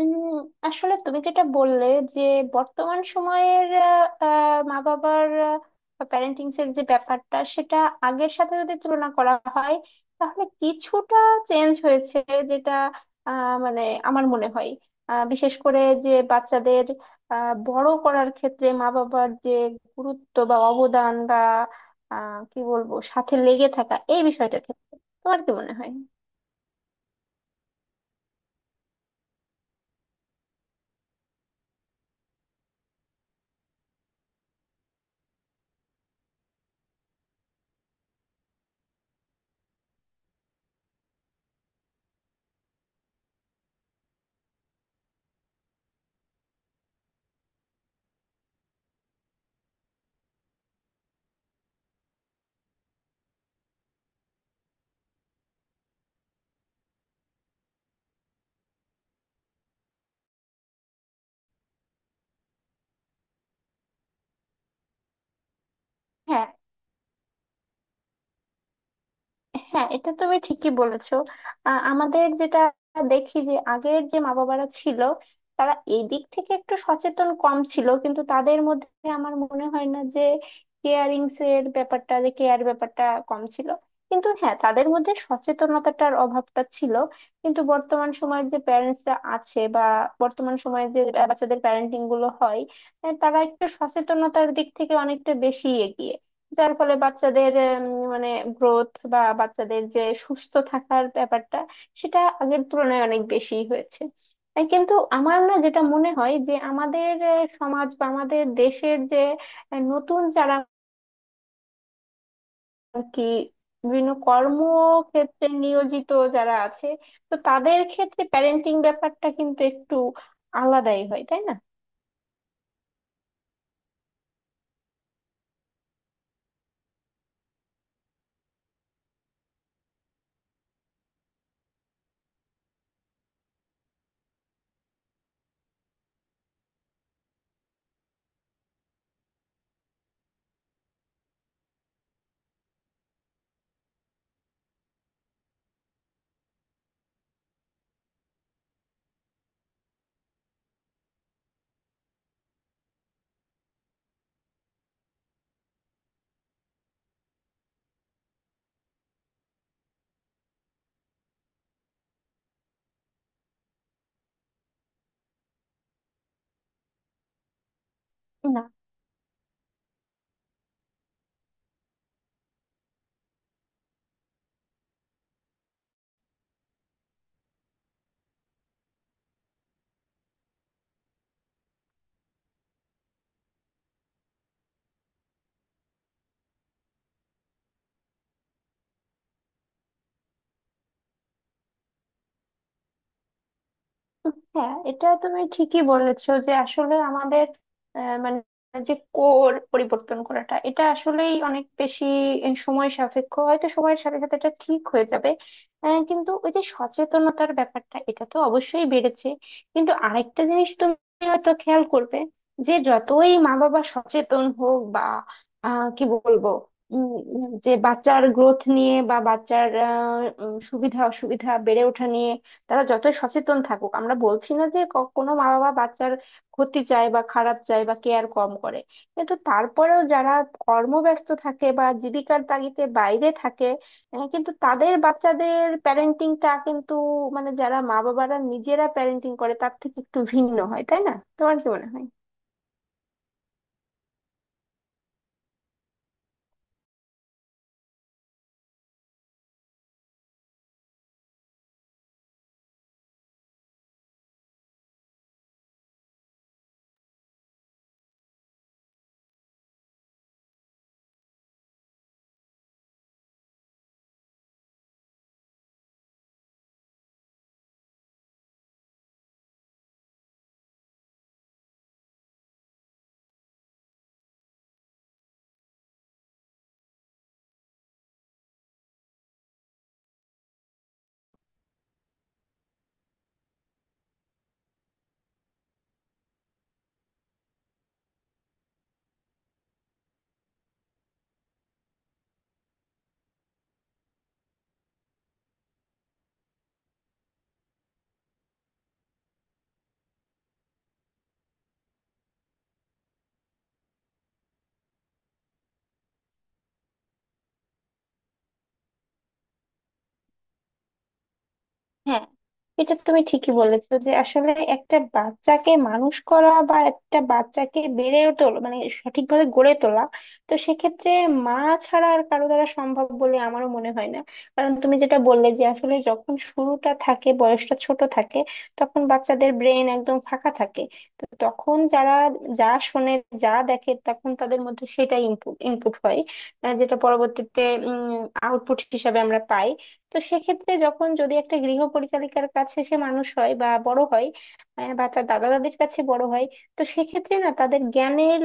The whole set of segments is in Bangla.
উম, আসলে তুমি যেটা বললে যে বর্তমান সময়ের আহ, আহ, মা বাবার প্যারেন্টিং এর যে ব্যাপারটা সেটা আগের সাথে যদি তুলনা করা হয় তাহলে কিছুটা চেঞ্জ হয়েছে, যেটা মানে আমার মনে হয় বিশেষ করে যে বাচ্চাদের বড় করার ক্ষেত্রে মা বাবার যে গুরুত্ব বা অবদান বা কি বলবো সাথে লেগে থাকা এই বিষয়টার ক্ষেত্রে তোমার কি মনে হয়? হ্যাঁ, হ্যাঁ, এটা তুমি ঠিকই বলেছো। আমাদের যেটা দেখি যে আগের যে মা বাবারা ছিল তারা এই দিক থেকে একটু সচেতন কম ছিল, কিন্তু তাদের মধ্যে আমার মনে হয় না যে কেয়ারিং এর ব্যাপারটা, যে কেয়ার ব্যাপারটা কম ছিল। কিন্তু হ্যাঁ, তাদের মধ্যে সচেতনতাটার অভাবটা ছিল। কিন্তু বর্তমান সময়ের যে প্যারেন্টসরা আছে বা বর্তমান সময়ে যে বাচ্চাদের প্যারেন্টিং গুলো হয়, তারা একটু সচেতনতার দিক থেকে অনেকটা বেশি এগিয়ে। যার ফলে বাচ্চাদের মানে গ্রোথ বা বাচ্চাদের যে সুস্থ থাকার ব্যাপারটা, সেটা আগের তুলনায় অনেক বেশি হয়েছে। তাই কিন্তু আমার না যেটা মনে হয় যে আমাদের সমাজ বা আমাদের দেশের যে নতুন যারা আর কি বিভিন্ন কর্মক্ষেত্রে নিয়োজিত যারা আছে, তো তাদের ক্ষেত্রে প্যারেন্টিং ব্যাপারটা কিন্তু একটু আলাদাই হয়, তাই না? হ্যাঁ, এটা তুমি ঠিকই বলেছো যে আসলে আমাদের মানে যে কোর পরিবর্তন করাটা, এটা আসলেই অনেক বেশি সময় সাপেক্ষ। হয়তো সময়ের সাথে সাথে এটা ঠিক হয়ে যাবে। কিন্তু ওই যে সচেতনতার ব্যাপারটা, এটা তো অবশ্যই বেড়েছে। কিন্তু আরেকটা জিনিস তুমি হয়তো খেয়াল করবে যে যতই মা বাবা সচেতন হোক বা কি বলবো, উম, উম, যে বাচ্চার গ্রোথ নিয়ে বা বাচ্চার সুবিধা অসুবিধা বেড়ে ওঠা নিয়ে তারা যতই সচেতন থাকুক, আমরা বলছি না যে কোনো মা বাবা বাচ্চার ক্ষতি চায় বা খারাপ চায় বা কেয়ার কম করে। কিন্তু তারপরেও যারা কর্মব্যস্ত থাকে বা জীবিকার তাগিদে বাইরে থাকে, কিন্তু তাদের বাচ্চাদের প্যারেন্টিংটা কিন্তু মানে যারা মা বাবারা নিজেরা প্যারেন্টিং করে তার থেকে একটু ভিন্ন হয়, তাই না? তোমার কি মনে হয়? হ্যাঁ, এটা তুমি ঠিকই বলেছো যে আসলে একটা বাচ্চাকে মানুষ করা বা একটা বাচ্চাকে বেড়ে তোলা মানে সঠিকভাবে গড়ে তোলা, তো সেক্ষেত্রে মা ছাড়া আর কারো দ্বারা সম্ভব বলে আমারও মনে হয় না। কারণ তুমি যেটা বললে যে আসলে যখন শুরুটা থাকে, বয়সটা ছোট থাকে, তখন বাচ্চাদের ব্রেন একদম ফাঁকা থাকে। তো তখন যারা যা শোনে, যা দেখে তখন তাদের মধ্যে সেটাই ইনপুট ইনপুট হয়, যেটা পরবর্তীতে আউটপুট হিসাবে আমরা পাই। তো সেক্ষেত্রে যখন যদি একটা গৃহ পরিচালিকার কাছে সে মানুষ হয় বা বড় হয়, বা তার দাদা দাদির কাছে বড় হয়, তো সেক্ষেত্রে না তাদের জ্ঞানের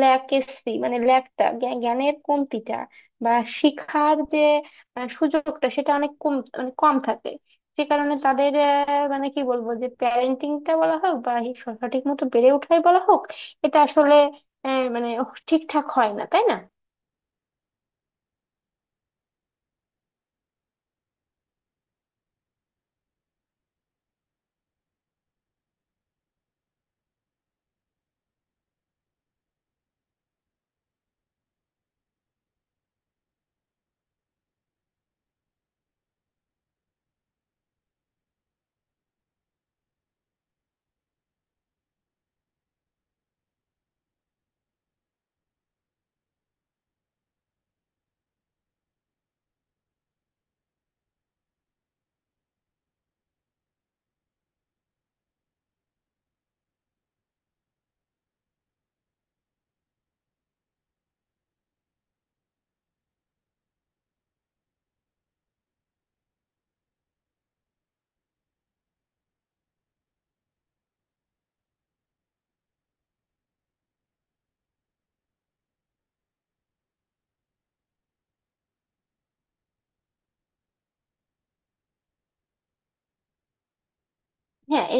ল্যাকেসি মানে ল্যাকটা, জ্ঞানের কমতিটা বা শিক্ষার যে সুযোগটা, সেটা অনেক কম মানে কম থাকে। যে কারণে তাদের মানে কি বলবো, যে প্যারেন্টিংটা বলা হোক বা এই সঠিক মতো বেড়ে ওঠাই বলা হোক, এটা আসলে মানে ঠিকঠাক হয় না, তাই না? হ্যাঁ,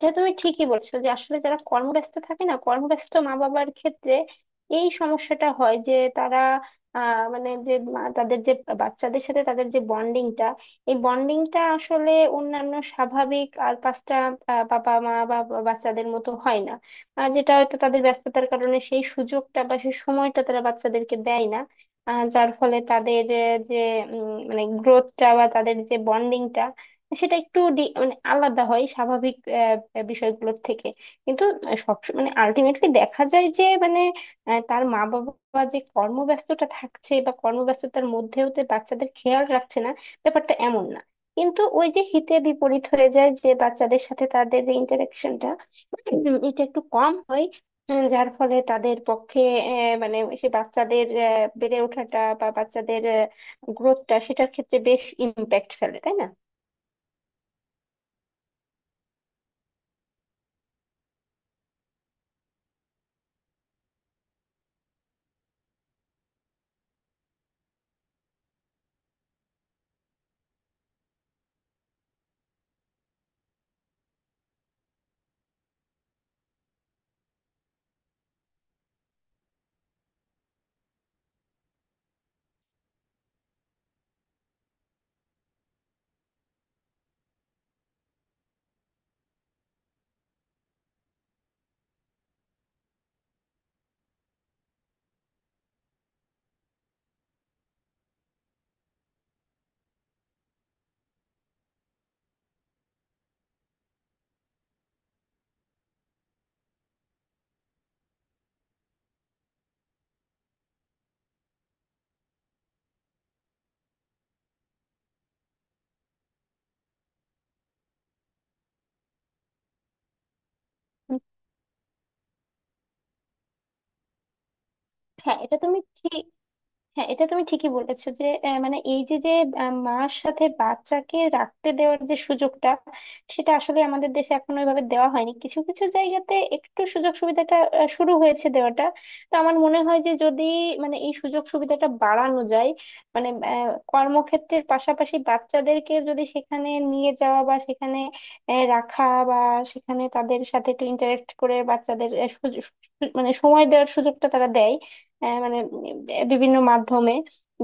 এটা তুমি ঠিকই বলছো যে আসলে যারা কর্মব্যস্ত থাকে না কর্মব্যস্ত মা বাবার ক্ষেত্রে এই সমস্যাটা হয় যে তারা আহ মানে যে মা- তাদের যে বাচ্চাদের সাথে তাদের যে বন্ডিংটা এই বন্ডিংটা আসলে অন্যান্য স্বাভাবিক আর পাঁচটা আহ, বাবা মা বা বা- বাচ্চাদের মতো হয় না আহ, যেটা হয়তো তাদের ব্যস্ততার কারণে সেই সুযোগটা বা সেই সময়টা তারা বাচ্চাদেরকে দেয় না আহ, যার ফলে তাদের আহ, যে উম, মানে গ্রোথটা বা তাদের যে বন্ডিংটা সেটা একটু ডি- মানে আলাদা হয় স্বাভাবিক আহ, বিষয়গুলোর থেকে কিন্তু সব মানে আলটিমেটলি দেখা যায় যে মানে আহ, তার মা বাবা যে কর্মব্যস্ততা থাকছে বা কর্মব্যস্ততার মধ্যেও যে বাচ্চাদের খেয়াল রাখছে না ব্যাপারটা এমন না কিন্তু ওই যে হিতে বিপরীত হয়ে যায় যে বাচ্চাদের সাথে তাদের যে ইন্টারাকশনটা এটা একটু কম হয় উম, যার ফলে তাদের পক্ষে আহ, মানে সে বাচ্চাদের আহ, বেড়ে ওঠাটা বা বাচ্চাদের গ্রোথটা সেটার ক্ষেত্রে বেশ ইম্প্যাক্ট ফেলে তাই না হ্যাঁ এটা তুমি ঠিক হ্যাঁ এটা তুমি ঠিকই বলেছো যে মানে এই যে যে মার সাথে বাচ্চাকে রাখতে দেওয়ার যে সুযোগটা, সেটা আসলে আমাদের দেশে এখন ওইভাবে দেওয়া হয়নি। কিছু কিছু জায়গাতে একটু সুযোগ সুবিধাটা শুরু হয়েছে দেওয়াটা। তো আমার মনে হয় যে যদি মানে এই সুযোগ সুবিধাটা বাড়ানো যায়, মানে কর্মক্ষেত্রের পাশাপাশি বাচ্চাদেরকে যদি সেখানে নিয়ে যাওয়া বা সেখানে রাখা বা সেখানে তাদের সাথে একটু ইন্টারেক্ট করে বাচ্চাদের মানে সময় দেওয়ার সুযোগটা তারা দেয়, মানে বিভিন্ন মাধ্যমে,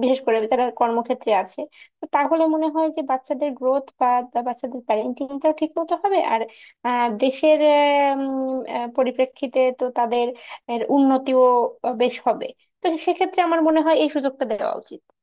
বিশেষ করে তারা কর্মক্ষেত্রে আছে, তো তাহলে মনে হয় যে বাচ্চাদের গ্রোথ বা বা বাচ্চাদের প্যারেন্টিংটাও ঠিক মতো হবে। আর দেশের পরিপ্রেক্ষিতে তো তাদের এর উন্নতিও বেশ হবে। তো সেক্ষেত্রে আমার মনে হয় এই সুযোগটা দেওয়া উচিত।